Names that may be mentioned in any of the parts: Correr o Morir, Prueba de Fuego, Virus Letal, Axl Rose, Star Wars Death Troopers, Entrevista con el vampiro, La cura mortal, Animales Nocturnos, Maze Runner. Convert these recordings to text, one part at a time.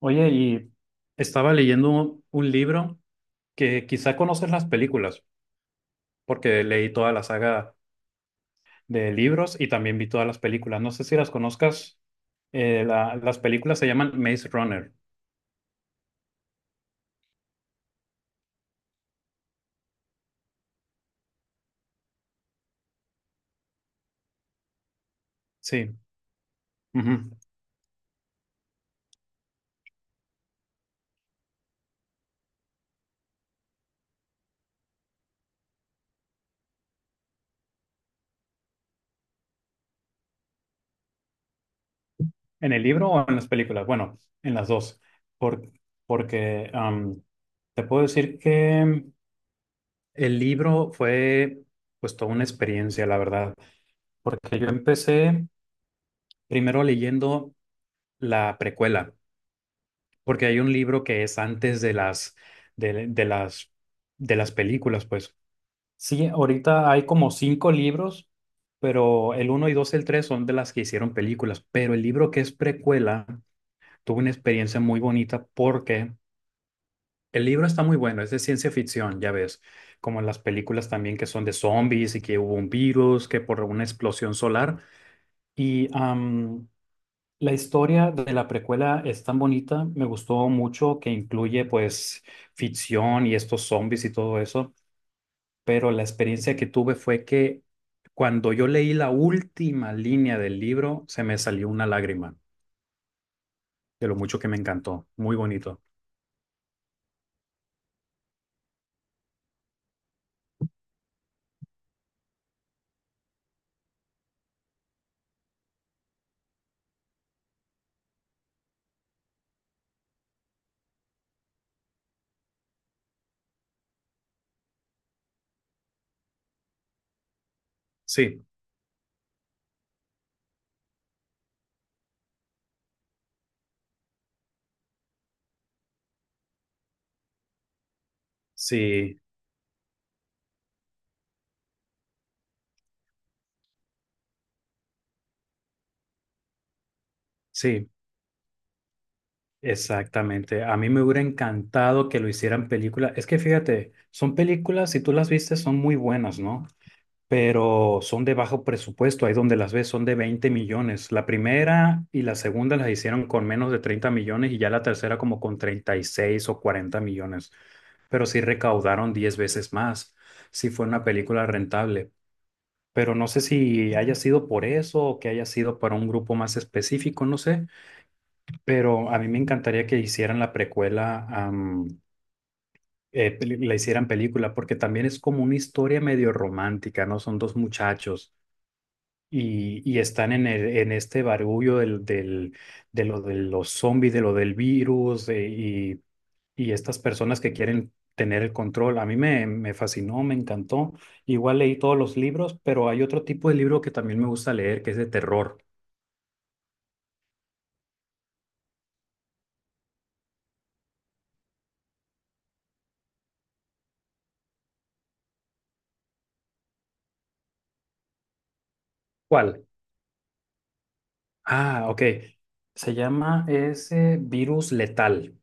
Oye, y estaba leyendo un libro que quizá conoces las películas, porque leí toda la saga de libros y también vi todas las películas. No sé si las conozcas. Las películas se llaman Maze Runner. Sí. Ujú. ¿En el libro o en las películas? Bueno, en las dos. Por- porque te puedo decir que el libro fue pues toda una experiencia, la verdad, porque yo empecé primero leyendo la precuela. Porque hay un libro que es antes de las, de, de las, de las películas, pues. Sí, ahorita hay como cinco libros, pero el uno y dos y el tres son de las que hicieron películas, pero el libro que es precuela tuvo una experiencia muy bonita porque el libro está muy bueno, es de ciencia ficción, ya ves, como las películas también que son de zombies y que hubo un virus, que por una explosión solar. Y la historia de la precuela es tan bonita, me gustó mucho que incluye pues ficción y estos zombies y todo eso, pero la experiencia que tuve fue que cuando yo leí la última línea del libro se me salió una lágrima de lo mucho que me encantó, muy bonito. Sí, sí, sí, exactamente. A mí me hubiera encantado que lo hicieran película. Es que fíjate, son películas, si tú las viste, son muy buenas, ¿no? Pero son de bajo presupuesto. Ahí donde las ves son de 20 millones. La primera y la segunda las hicieron con menos de 30 millones y ya la tercera como con 36 o 40 millones. Pero sí recaudaron 10 veces más. Sí fue una película rentable. Pero no sé si haya sido por eso o que haya sido para un grupo más específico, no sé. Pero a mí me encantaría que hicieran la precuela, la hicieran película, porque también es como una historia medio romántica, ¿no? Son dos muchachos y están en, en este barullo del de lo de los zombies, de lo del virus y estas personas que quieren tener el control. A mí me fascinó, me encantó. Igual leí todos los libros, pero hay otro tipo de libro que también me gusta leer, que es de terror. ¿Cuál? Ah, ok. Se llama ese Virus Letal.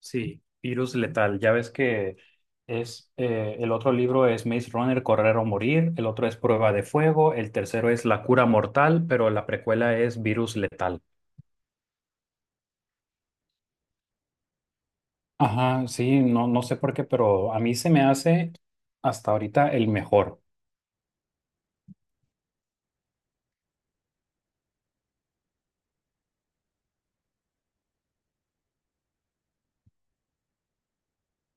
Sí, virus letal. Ya ves que es el otro libro es Maze Runner, Correr o Morir, el otro es Prueba de Fuego, el tercero es La cura mortal, pero la precuela es Virus letal. Ajá, sí, no, no sé por qué, pero a mí se me hace hasta ahorita el mejor.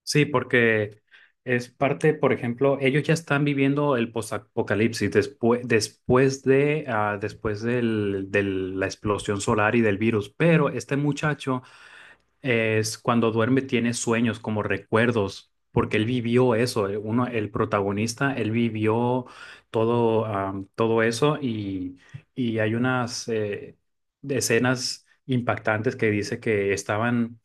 Sí, porque es parte, por ejemplo, ellos ya están viviendo el post-apocalipsis después, después de, después del, de la explosión solar y del virus, pero este muchacho es cuando duerme tiene sueños como recuerdos, porque él vivió eso, uno, el protagonista, él vivió todo, todo eso y hay unas escenas impactantes que dice que estaban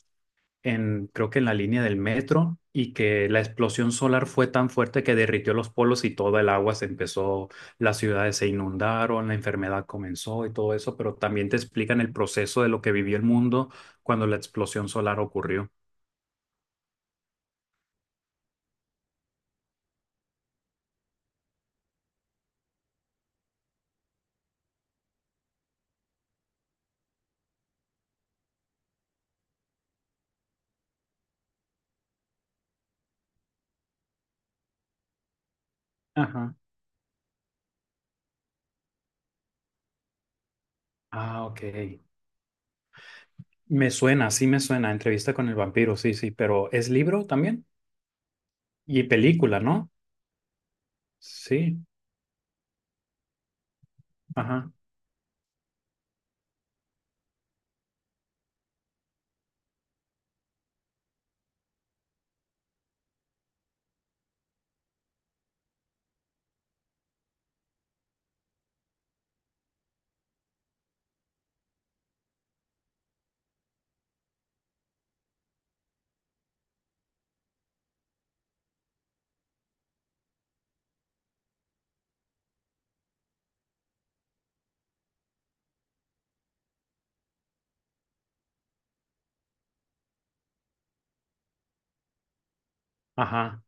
en, creo que en la línea del metro, y que la explosión solar fue tan fuerte que derritió los polos y toda el agua se empezó, las ciudades se inundaron, la enfermedad comenzó y todo eso, pero también te explican el proceso de lo que vivió el mundo cuando la explosión solar ocurrió. Ajá. Ah, ok. Me suena, sí me suena, Entrevista con el vampiro, sí, sí, pero es libro también y película, ¿no? Sí, ajá, ajá,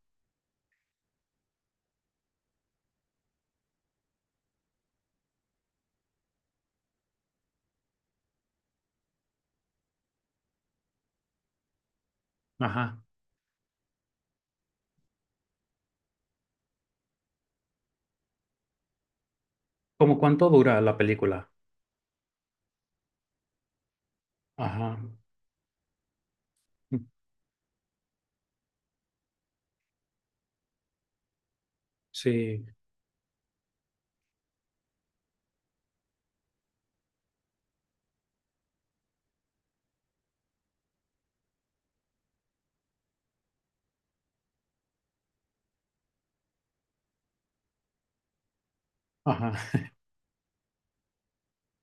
ajá. ¿Cómo cuánto dura la película? Ajá, mm, sí, ajá.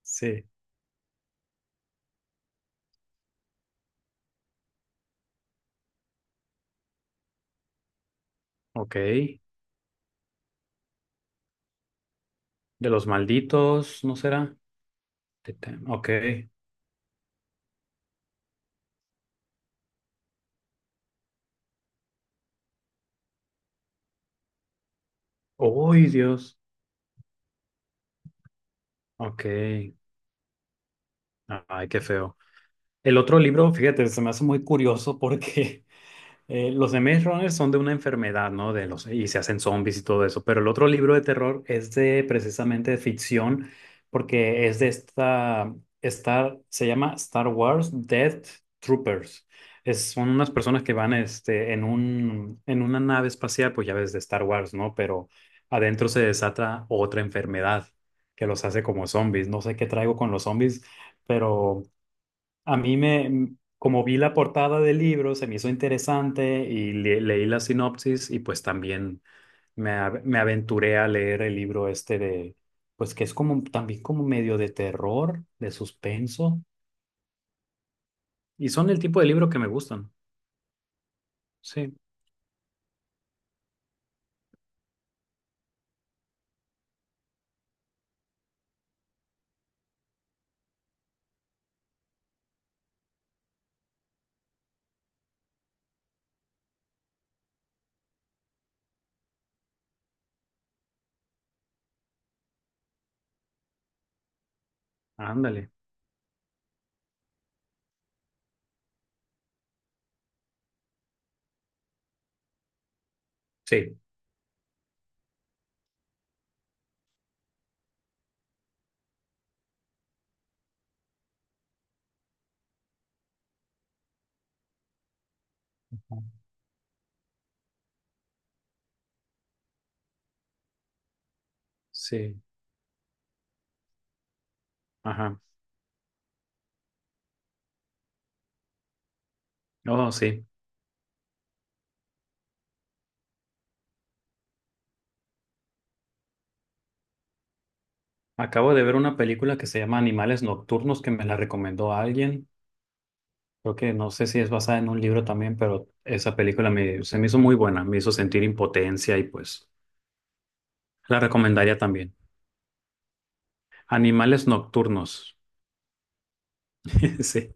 Sí, ok. De los malditos, ¿no será? Te- te- Ok. Uy, Dios. Ok. Ay, qué feo. El otro libro, fíjate, se me hace muy curioso porque los de Maze Runner son de una enfermedad, ¿no? De los, y se hacen zombies y todo eso. Pero el otro libro de terror es de precisamente de ficción, porque es de esta, se llama Star Wars Death Troopers. Es, son unas personas que van este, en un, en una nave espacial, pues ya ves de Star Wars, ¿no? Pero adentro se desata otra enfermedad que los hace como zombies. No sé qué traigo con los zombies, pero a mí me, como vi la portada del libro, se me hizo interesante y leí la sinopsis y pues también me, me aventuré a leer el libro este de, pues que es como también como medio de terror, de suspenso. Y son el tipo de libro que me gustan. Sí, ándale. Sí, sí, ajá. Oh, sí. Acabo de ver una película que se llama Animales Nocturnos que me la recomendó alguien. Creo que no sé si es basada en un libro también, pero esa película me, se me hizo muy buena, me hizo sentir impotencia y pues la recomendaría también. Animales nocturnos. Sí,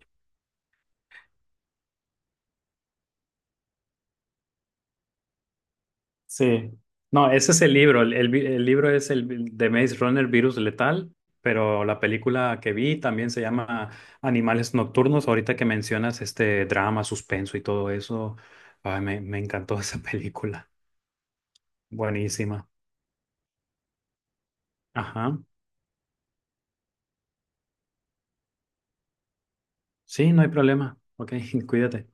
sí. No, ese es el libro. El el libro es de Maze Runner Virus Letal, pero la película que vi también se llama Animales nocturnos. Ahorita que mencionas este drama, suspenso y todo eso, ay, me encantó esa película. Buenísima. Ajá. Sí, no hay problema. Ok, cuídate.